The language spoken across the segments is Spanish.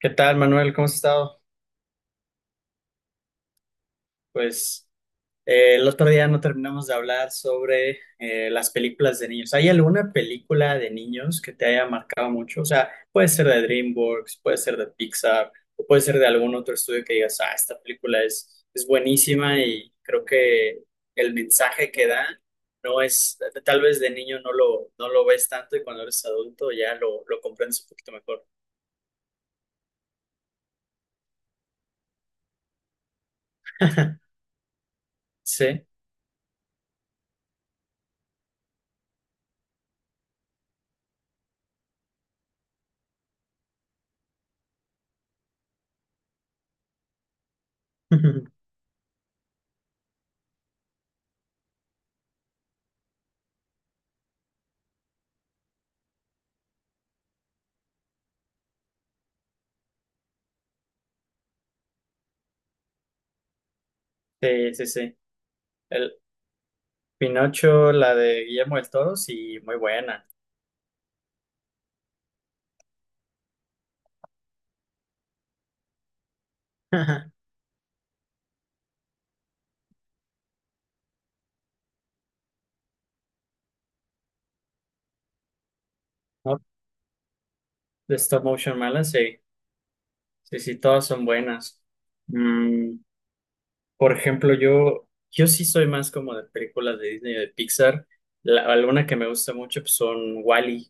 ¿Qué tal, Manuel? ¿Cómo has estado? Pues el otro día no terminamos de hablar sobre las películas de niños. ¿Hay alguna película de niños que te haya marcado mucho? O sea, puede ser de DreamWorks, puede ser de Pixar, o puede ser de algún otro estudio que digas, ah, esta película es buenísima y creo que el mensaje que da no es, tal vez de niño no lo ves tanto y cuando eres adulto lo comprendes un poquito mejor. Sí, sí. Pinocho, la de Guillermo del Toro, sí, muy buena. ¿No? De Stop Motion Mala, sí. Sí, sí, todas son buenas. Mm, por ejemplo, yo sí soy más como de películas de Disney o de Pixar. La, alguna que me gusta mucho pues, son Wall-E,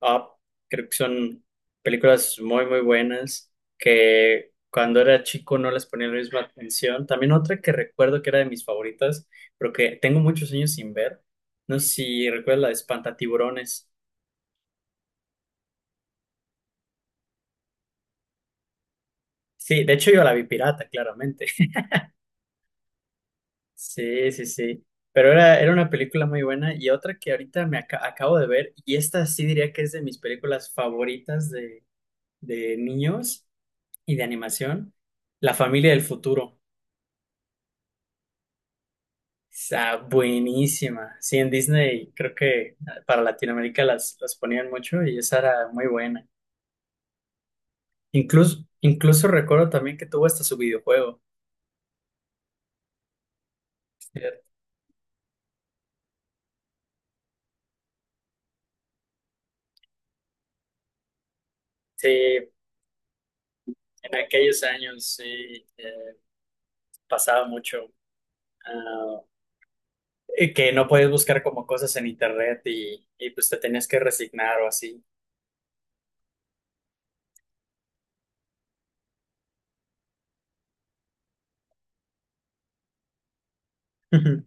Up. Creo que son películas muy buenas que cuando era chico no les ponía la misma atención. También otra que recuerdo que era de mis favoritas, pero que tengo muchos años sin ver. No sé si recuerdas la de Espantatiburones. Sí, de hecho yo la vi pirata, claramente. Sí, sí, sí. Pero era una película muy buena y otra que ahorita me acabo de ver, y esta sí diría que es de mis películas favoritas de niños y de animación, La familia del futuro. Está buenísima. Sí, en Disney creo que ah, para Latinoamérica las ponían mucho y esa era muy buena. Incluso recuerdo también que tuvo hasta su videojuego. Sí, en aquellos años sí eh, pasaba mucho. Ah, que no puedes buscar como cosas en internet y pues te tenías que resignar o así. Ujú.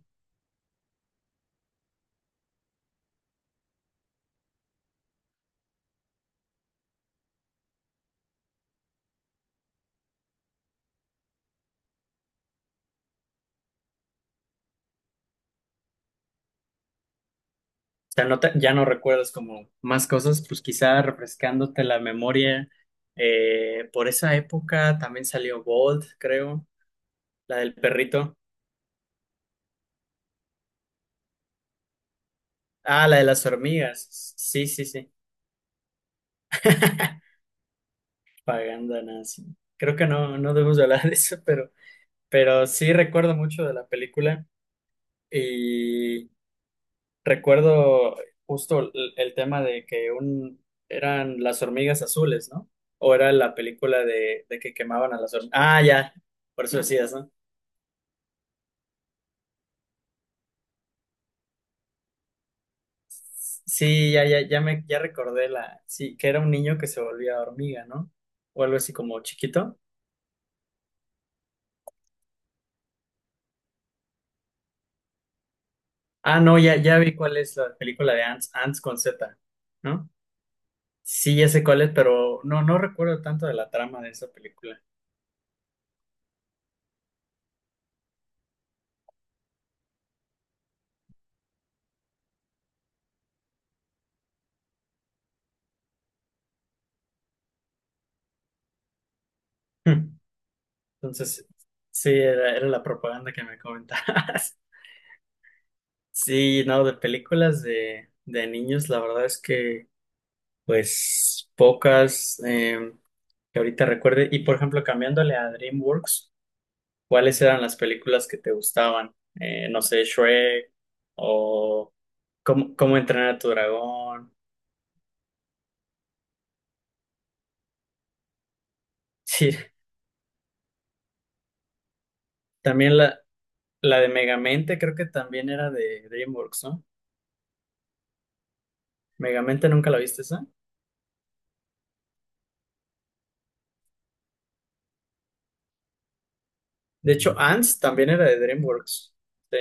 O sea, ya no recuerdas como más cosas, pues quizá refrescándote la memoria. Por esa época también salió Bolt, creo, la del perrito. Ah, la de las hormigas. Sí, sí, sí. Paganda nazi. Creo que no debemos de hablar de eso, pero sí recuerdo mucho de la película. Recuerdo justo el tema de que un, eran las hormigas azules, ¿no? O era la película de que quemaban a las hormigas. Ah, ya, por eso decías, ¿no? Sí, ya recordé la, sí, que era un niño que se volvía hormiga, ¿no? O algo así como chiquito. Ah, no, ya vi cuál es la película de Ants, Ants con Z, ¿no? Sí, ya sé cuál es, pero no recuerdo tanto de la trama de esa película. Entonces, sí, era la propaganda que me comentabas. Sí, no, de películas de niños, la verdad es que, pues, pocas que ahorita recuerde. Y, por ejemplo, cambiándole a DreamWorks, ¿cuáles eran las películas que te gustaban? No sé, Shrek o cómo entrenar a tu dragón. Sí, también la de Megamente creo que también era de DreamWorks, ¿no? Megamente nunca la viste esa. De hecho, Ants también era de DreamWorks. Sí,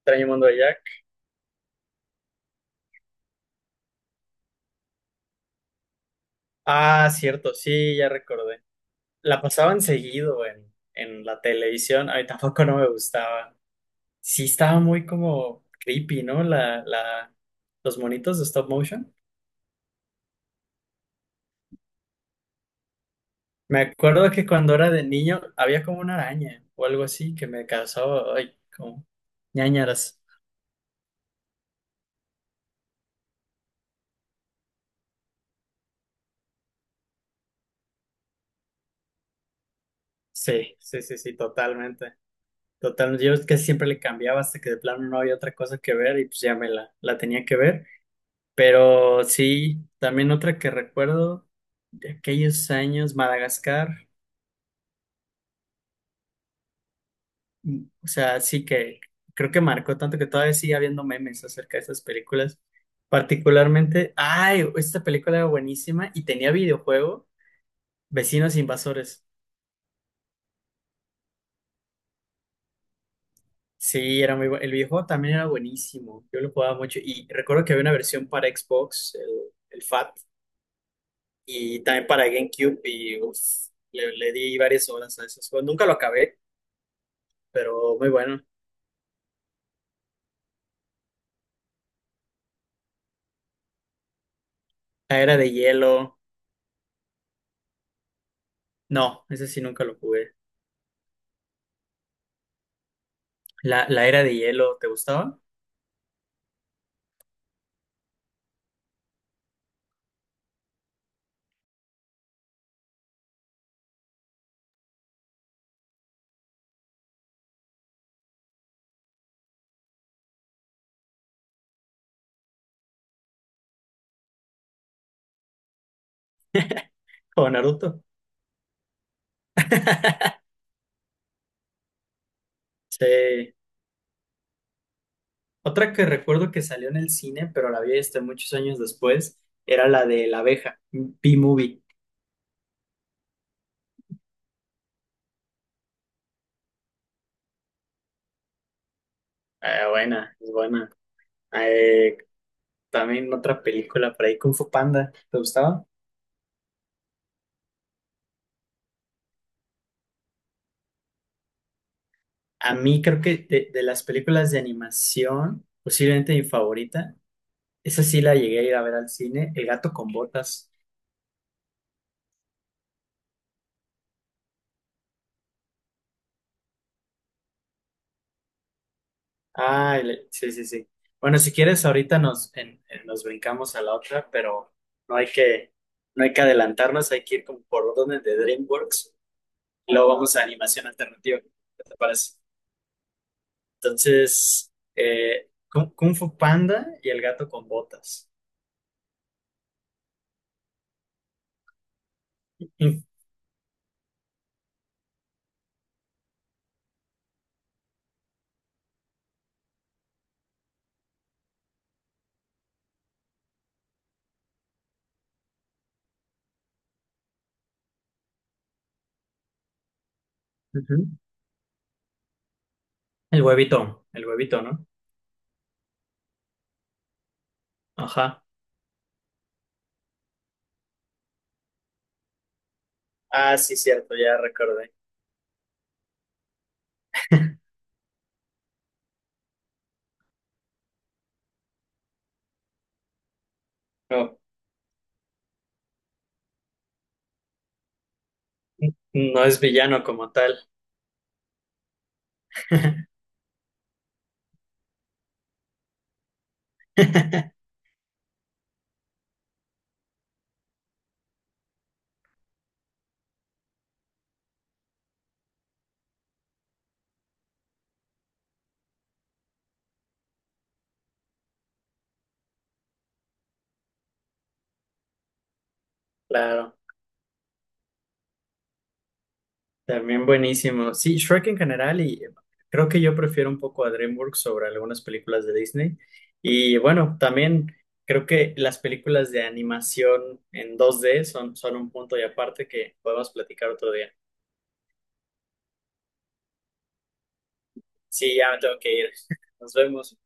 Extraño Mundo de Jack. Ah, cierto, sí, ya recordé. La pasaban seguido en la televisión, a mí tampoco no me gustaba. Sí estaba muy como creepy, ¿no? Los monitos de stop motion. Me acuerdo que cuando era de niño había como una araña o algo así que me causaba, ay, como ñáñaras. Sí, sí, sí, sí, totalmente. Totalmente. Yo es que siempre le cambiaba hasta que de plano no había otra cosa que ver y pues ya me la tenía que ver. Pero sí, también otra que recuerdo de aquellos años, Madagascar. Mm, o sea, sí que creo que marcó tanto que todavía sigue habiendo memes acerca de esas películas. Particularmente, ay, esta película era buenísima y tenía videojuego, Vecinos Invasores. Sí, era muy bueno. El videojuego también era buenísimo. Yo lo jugaba mucho y recuerdo que había una versión para Xbox, el FAT, y también para GameCube y uf, le di varias horas a esos juegos. Nunca lo acabé, pero muy bueno. La era de hielo. No, ese sí nunca lo jugué. La era de hielo, ¿te gustaba? O Naruto. Sí. Otra que recuerdo que salió en el cine, pero la vi este muchos años después, era la de la abeja, B-Movie. Buena, es buena. Eh, también otra película por ahí, Kung Fu Panda, ¿te gustaba? A mí creo que de las películas de animación, posiblemente mi favorita, esa sí la llegué a ir a ver al cine, El gato con botas. Ah, el- sí, sí, sí. Bueno, si quieres, ahorita nos, nos brincamos a la otra, pero no hay que, no hay que adelantarnos, hay que ir como por orden de DreamWorks y luego vamos a animación alternativa, ¿qué te parece? Entonces, Kung Fu Panda y El gato con botas. Mm, ujú. El huevito, ¿no? Ajá. Ah, sí, cierto, ya recordé. No, no es villano como tal. Claro, también buenísimo. Sí, Shrek en general y creo que yo prefiero un poco a DreamWorks sobre algunas películas de Disney. Y bueno, también creo que las películas de animación en dos d son, son un punto y aparte que podemos platicar otro día. Sí, ya me tengo que ir. Nos vemos.